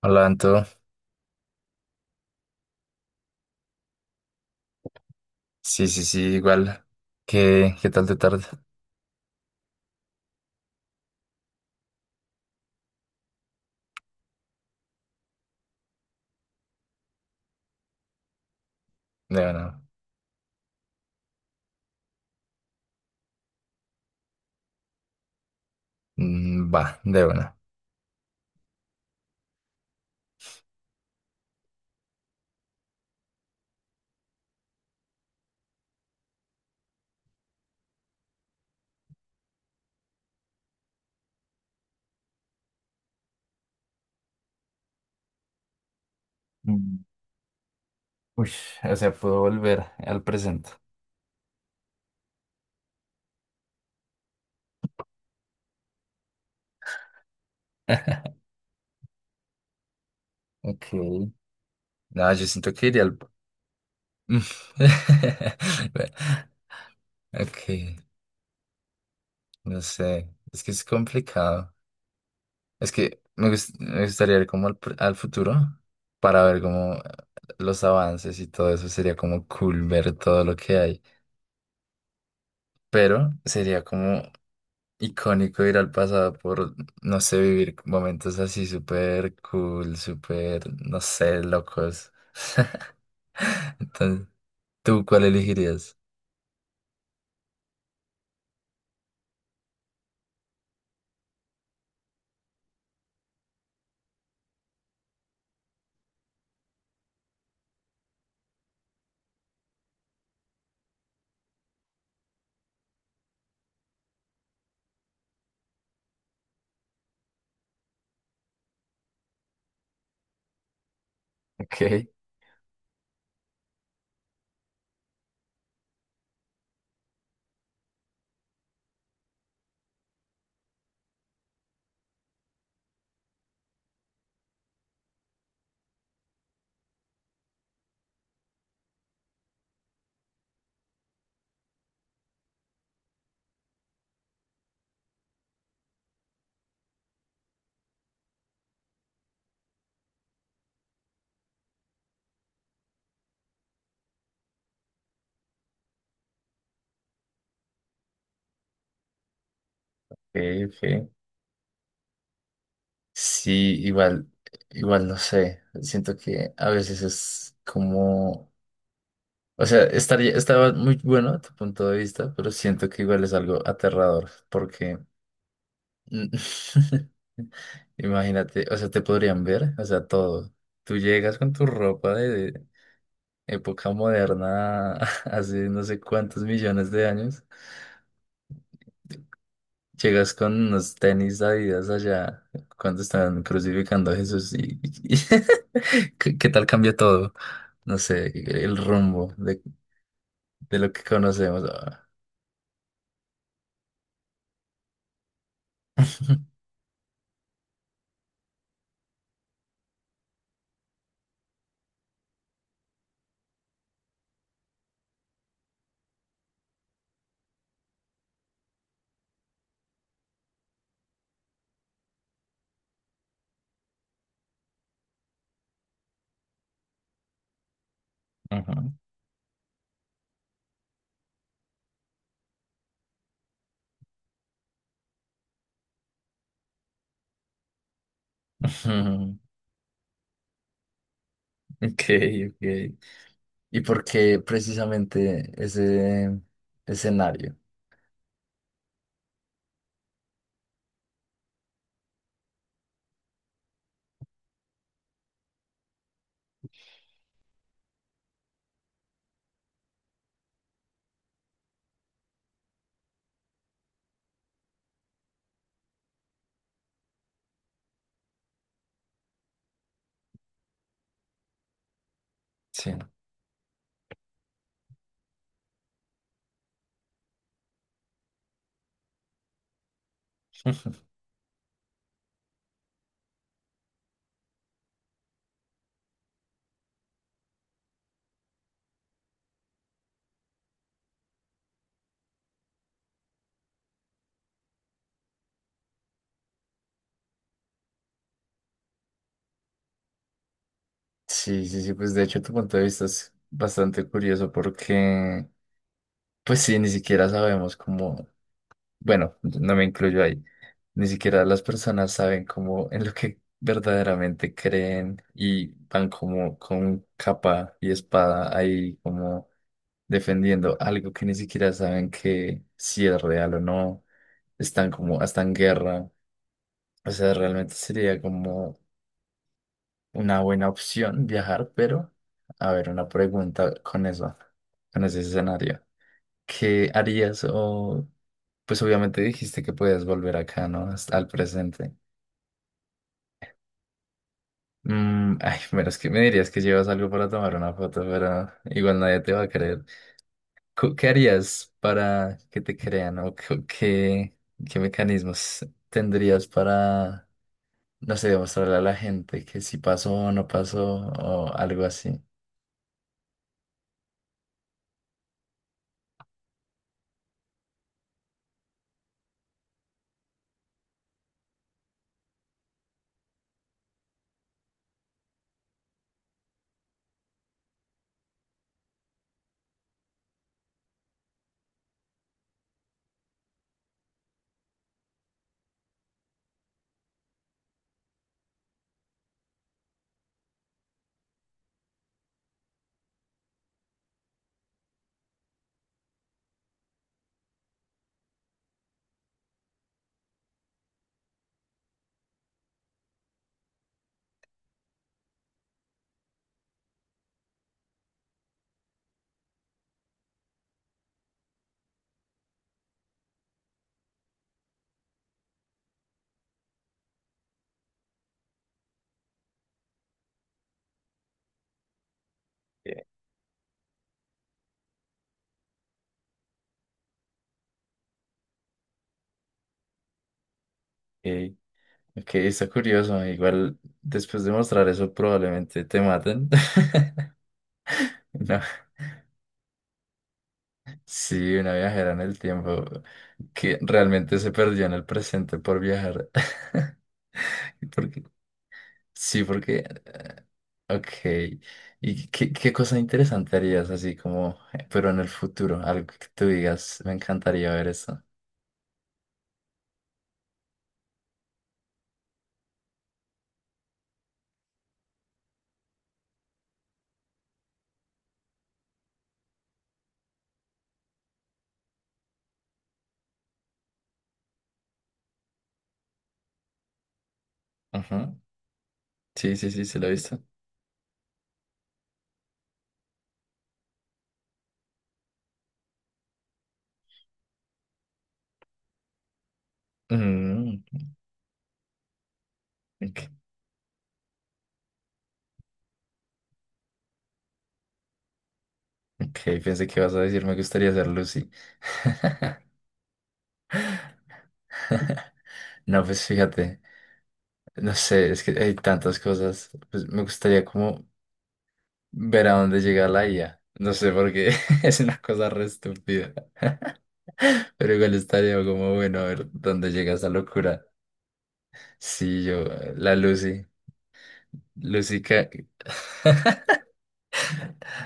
Hola, Anto. Sí, sí, sí, igual. ¿Qué tal te tarde? De una. Va, de una. Mm, Uy, o sea, puedo volver al presente. Ok. No, yo siento que iría al... Mm. Bueno, Ok, no sé. Es que es complicado. Es que me gustaría ir como al futuro para ver como los avances y todo eso. Sería como cool ver todo lo que hay. Pero sería como icónico ir al pasado por, no sé, vivir momentos así súper cool, súper, no sé, locos. Entonces, ¿tú cuál elegirías? Ok, ok, ok. Sí, igual, igual no sé. Siento que a veces es como, o sea, estaría, estaba muy bueno a tu punto de vista, pero siento que igual es algo aterrador, porque Mm, imagínate, o sea, te podrían ver, o sea, todo. Tú llegas con tu ropa de época moderna, hace no sé cuántos millones de años. Llegas con unos tenis Adidas allá cuando están crucificando a Jesús ¿qué tal cambia todo? No sé, el rumbo de lo que conocemos ahora. Ajá. Ujú. Ok, ok. ¿Y por qué precisamente ese escenario? Sí. Sí, sí, sí, pues de hecho tu punto de vista es bastante curioso porque, pues sí, ni siquiera sabemos cómo, bueno, no me incluyo ahí, ni siquiera las personas saben cómo en lo que verdaderamente creen y van como con capa y espada ahí como defendiendo algo que ni siquiera saben que si es real o no, están como hasta en guerra, o sea, realmente sería como una buena opción viajar, pero a ver, una pregunta con eso, con ese escenario. ¿Qué harías? O, pues obviamente dijiste que puedes volver acá, ¿no? Al presente. Ay, pero es que me dirías que llevas algo para tomar una foto, pero igual nadie te va a creer. ¿Qué harías para que te crean? ¿O qué mecanismos tendrías para, no sé, demostrarle a la gente que sí pasó o no pasó o algo así? Ok, está curioso. Igual después de mostrar eso probablemente te maten. No. Sí, una viajera en el tiempo que realmente se perdió en el presente por viajar. Porque, sí, porque... eh, ok. ¿Y qué cosa interesante harías así como, pero en el futuro? Algo que tú digas, me encantaría ver eso. Ajá. Sí, sí, sí, se lo he visto. Mm, ok, ok, pensé que ibas a decir, me gustaría ser Lucy. No, pues fíjate, no sé, es que hay tantas cosas. Pues me gustaría como ver a dónde llega la IA. No sé por qué, es una cosa re estúpida. Pero igual estaría como bueno a ver dónde llega esa locura. Sí, yo, la Lucy, Ca-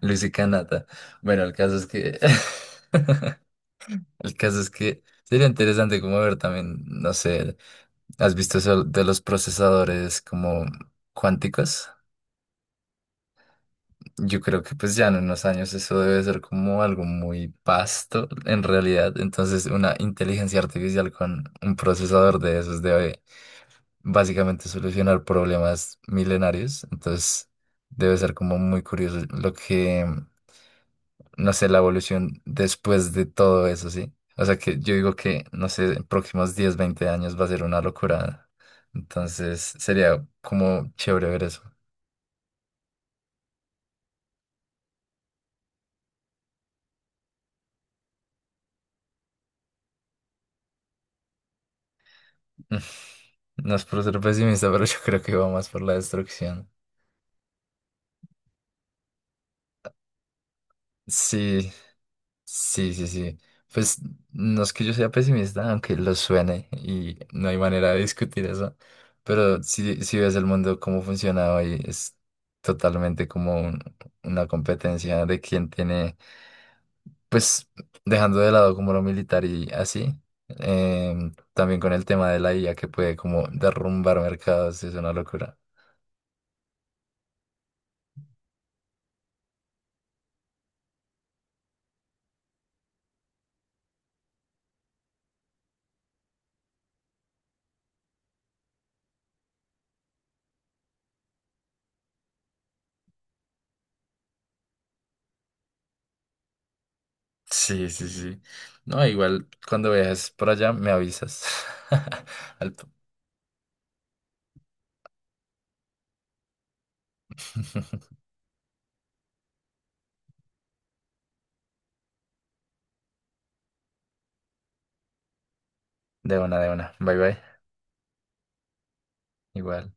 Lucy Canata. Bueno, el caso es que, el caso es que sería interesante como ver también, no sé, ¿has visto eso de los procesadores como cuánticos? Yo creo que pues ya en unos años eso debe ser como algo muy vasto en realidad. Entonces una inteligencia artificial con un procesador de esos debe básicamente solucionar problemas milenarios. Entonces debe ser como muy curioso lo que, no sé, la evolución después de todo eso, ¿sí? O sea que yo digo que, no sé, en próximos 10 20 años va a ser una locura. Entonces sería como chévere ver eso. No es por ser pesimista, pero yo creo que va más por la destrucción. Sí, sí, sí, sí. Pues no es que yo sea pesimista, aunque lo suene y no hay manera de discutir eso, pero si, si ves el mundo cómo funciona hoy, es totalmente como una competencia de quién tiene, pues dejando de lado como lo militar y así, em, también con el tema de la IA que puede como derrumbar mercados, es una locura. Sí, sí, sí. No, igual cuando viajes por allá me avisas. Al- De una, de una. Bye bye. Igual.